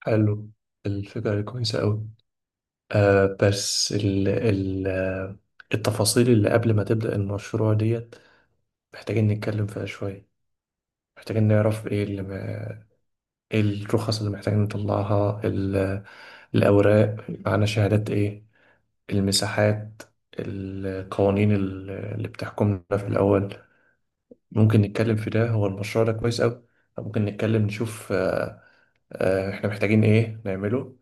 حلو. الفكرة دي كويسة أوي. آه بس ال ال آه، التفاصيل اللي قبل ما تبدأ المشروع ديت محتاجين نتكلم فيها شوية. محتاجين نعرف ايه اللي ما... ايه الرخص اللي محتاجين نطلعها. الأوراق، معانا شهادات ايه، المساحات، القوانين اللي بتحكمنا في الأول. ممكن نتكلم في ده، هو المشروع ده كويس أوي. ممكن نتكلم نشوف احنا محتاجين ايه نعمله.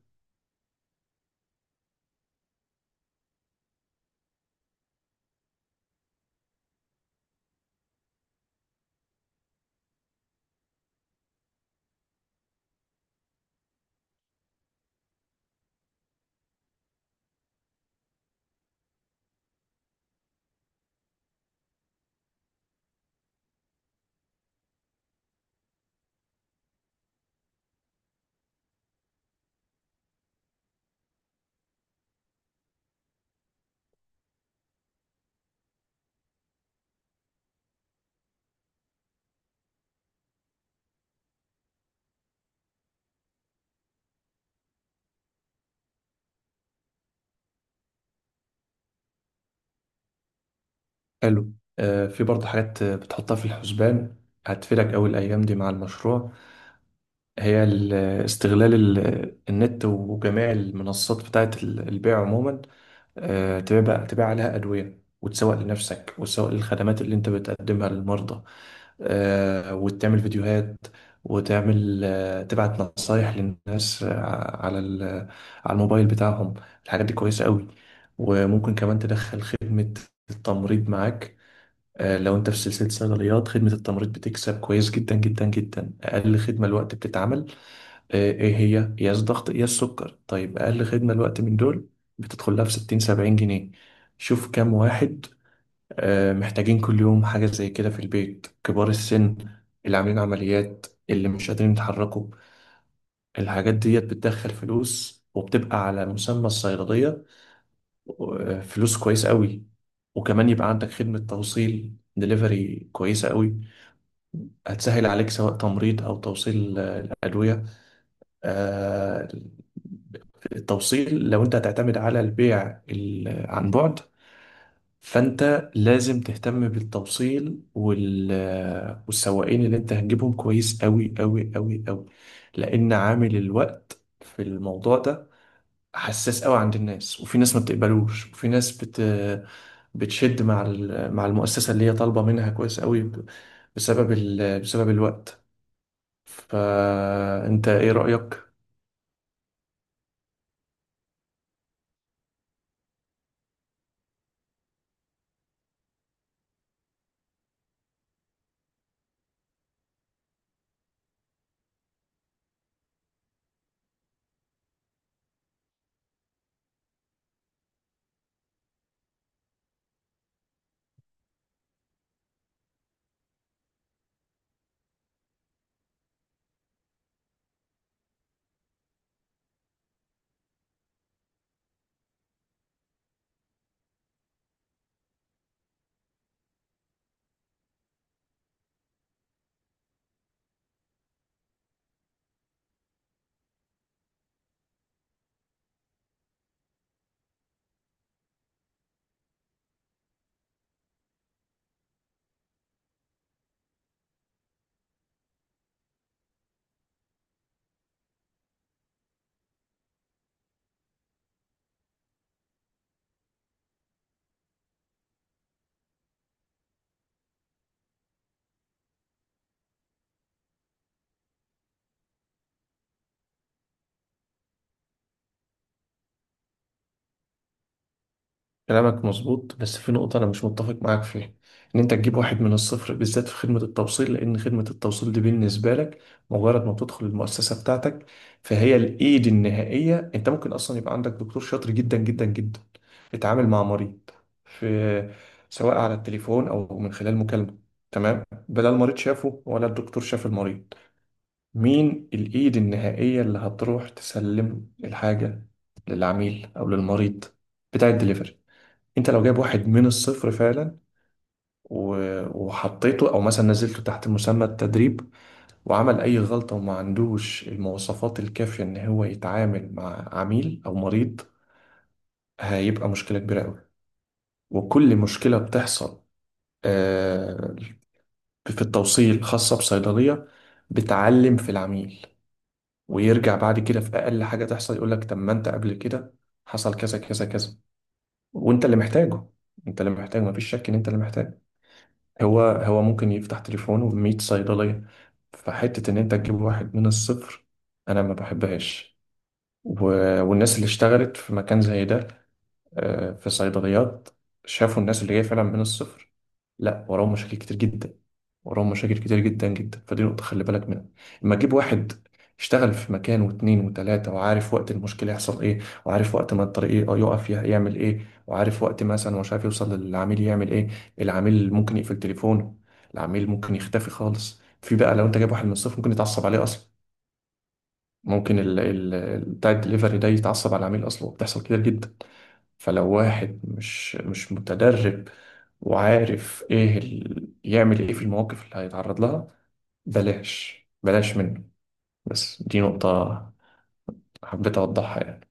حلو. في برضه حاجات بتحطها في الحسبان هتفيدك أوي الأيام دي مع المشروع. هي ال- استغلال النت وجميع المنصات بتاعة البيع عموما. تبيع عليها أدوية وتسوق لنفسك وتسوق للخدمات اللي أنت بتقدمها للمرضى. وتعمل فيديوهات، وتعمل تبعت نصايح للناس على الموبايل بتاعهم. الحاجات دي كويسة أوي. وممكن كمان تدخل خدمة التمريض معاك. لو انت في سلسلة صيدليات خدمة التمريض بتكسب كويس جدا جدا جدا. اقل خدمة الوقت بتتعمل، ايه هي؟ يا الضغط يا السكر. طيب اقل خدمة الوقت من دول بتدخل لها في 60 70 جنيه. شوف كام واحد محتاجين كل يوم حاجة زي كده في البيت، كبار السن اللي عاملين عمليات، اللي مش قادرين يتحركوا. الحاجات ديت بتدخل فلوس وبتبقى على مسمى الصيدلية. فلوس كويس قوي. وكمان يبقى عندك خدمة توصيل دليفري كويسة قوي. هتسهل عليك سواء تمريض أو توصيل الأدوية. آه، التوصيل لو أنت هتعتمد على البيع عن بعد، فأنت لازم تهتم بالتوصيل والسواقين اللي أنت هتجيبهم كويس أوي أوي أوي أوي. لأن عامل الوقت في الموضوع ده حساس أوي عند الناس. وفي ناس ما بتقبلوش، وفي بتشد مع المؤسسة اللي هي طالبة منها كويس قوي بسبب بسبب الوقت. فانت ايه رأيك؟ كلامك مظبوط بس في نقطة انا مش متفق معاك فيها، ان انت تجيب واحد من الصفر بالذات في خدمة التوصيل. لان خدمة التوصيل دي بالنسبة لك، مجرد ما بتدخل المؤسسة بتاعتك، فهي الايد النهائية. انت ممكن اصلا يبقى عندك دكتور شاطر جدا جدا جدا اتعامل مع مريض، في سواء على التليفون او من خلال مكالمة، تمام، بلا المريض شافه ولا الدكتور شاف المريض. مين الإيد النهائية اللي هتروح تسلم الحاجة للعميل أو للمريض؟ بتاع الدليفري. أنت لو جايب واحد من الصفر فعلا وحطيته، أو مثلا نزلته تحت مسمى التدريب، وعمل أي غلطة وما عندوش المواصفات الكافية إن هو يتعامل مع عميل أو مريض، هيبقى مشكلة كبيرة أوي. وكل مشكلة بتحصل آه، في التوصيل خاصة بصيدلية بتعلم في العميل، ويرجع بعد كده في اقل حاجه تحصل يقول لك طب ما انت قبل كده حصل كذا كذا كذا وانت اللي محتاجه. انت اللي محتاج، مفيش شك ان انت اللي محتاج. هو ممكن يفتح تليفونه ب 100 صيدليه. فحته ان انت تجيب واحد من الصفر، انا ما بحبهاش. و... والناس اللي اشتغلت في مكان زي ده، في صيدليات، شافوا الناس اللي هي فعلا من الصفر، لا وراهم مشاكل كتير جدا، وراهم مشاكل كتير جدا جدا. فدي نقطة خلي بالك منها. اما تجيب واحد اشتغل في مكان واتنين وتلاتة وعارف وقت المشكلة يحصل ايه، وعارف وقت ما الطريق يعمل ايه، وعارف وقت مثلا مش عارف يوصل للعميل يعمل ايه. العميل ممكن يقفل تليفونه، العميل ممكن يختفي خالص. في بقى لو انت جايب واحد من الصفر ممكن يتعصب عليه اصلا. ممكن ال ال بتاع الدليفري ده يتعصب على العميل اصلا، وبتحصل كتير جدا. فلو واحد مش متدرب وعارف يعمل ايه في المواقف اللي هيتعرض لها، بلاش منه. بس دي نقطة حبيت اوضحها يعني.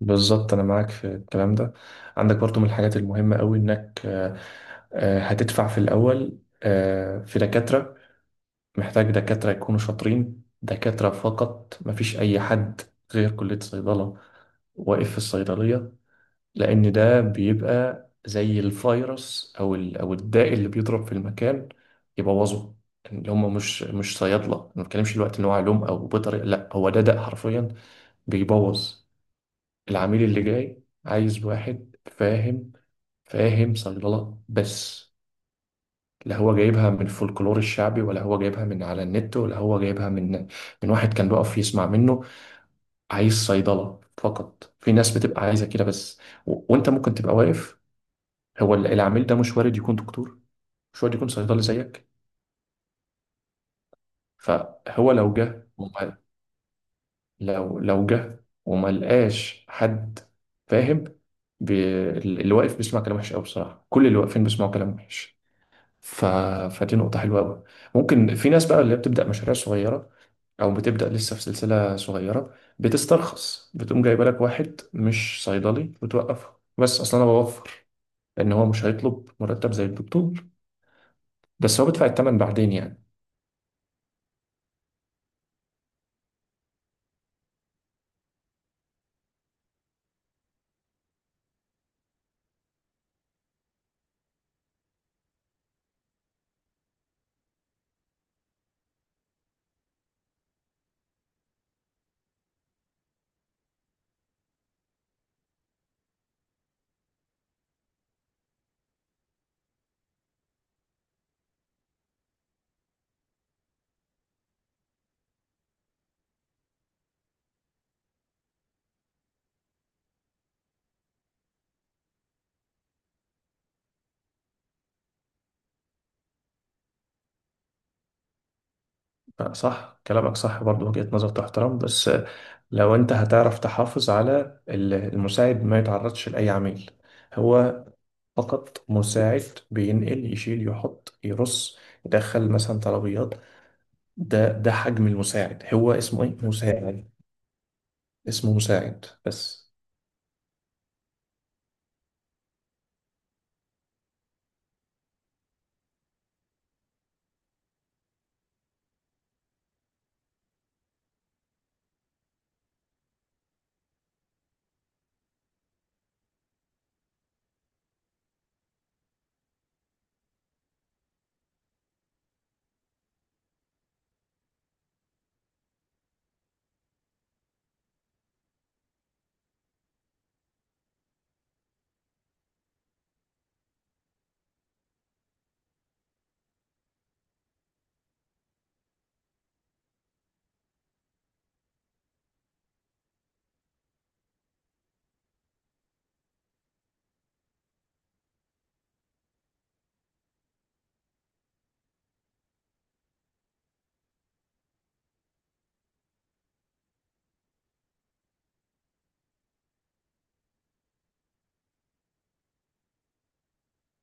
بالظبط انا معاك في الكلام ده. عندك برضو من الحاجات المهمة قوي انك هتدفع في الاول في دكاترة. محتاج دكاترة يكونوا شاطرين، دكاترة فقط، مفيش أي حد غير كلية صيدلة واقف في الصيدلية. لأن ده بيبقى زي الفيروس أو الداء اللي بيضرب في المكان يبوظه. اللي هم مش صيادلة، ما بتكلمش دلوقتي إن هو علوم أو بيطري، لا هو ده داء حرفيا بيبوظ. العميل اللي جاي عايز واحد فاهم، فاهم صيدلة بس. لا هو جايبها من الفولكلور الشعبي، ولا هو جايبها من على النت، ولا هو جايبها من من واحد كان بيقف يسمع منه. عايز صيدلة فقط. في ناس بتبقى عايزة كده بس. وانت ممكن تبقى واقف. العميل ده مش وارد يكون دكتور، مش وارد يكون صيدلي زيك. فهو لو جه وما... لو لو جه وما لقاش حد فاهم، اللي واقف بيسمع كلام وحش قوي بصراحة. كل اللي واقفين بيسمعوا كلام وحش. ف... فدي نقطة حلوة قوي. ممكن في ناس بقى اللي بتبدأ مشاريع صغيرة، او بتبدا لسه في سلسله صغيره، بتسترخص، بتقوم جايبه لك واحد مش صيدلي وتوقفها، بس اصلا انا بوفر، لان هو مش هيطلب مرتب زي الدكتور. بس هو بيدفع الثمن بعدين يعني. صح، كلامك صح برضه، وجهة نظر تحترم. بس لو انت هتعرف تحافظ على المساعد ما يتعرضش لأي عميل، هو فقط مساعد بينقل، يشيل، يحط، يرص، يدخل مثلا طلبيات. ده حجم المساعد. هو اسمه ايه؟ مساعد. اسمه مساعد بس.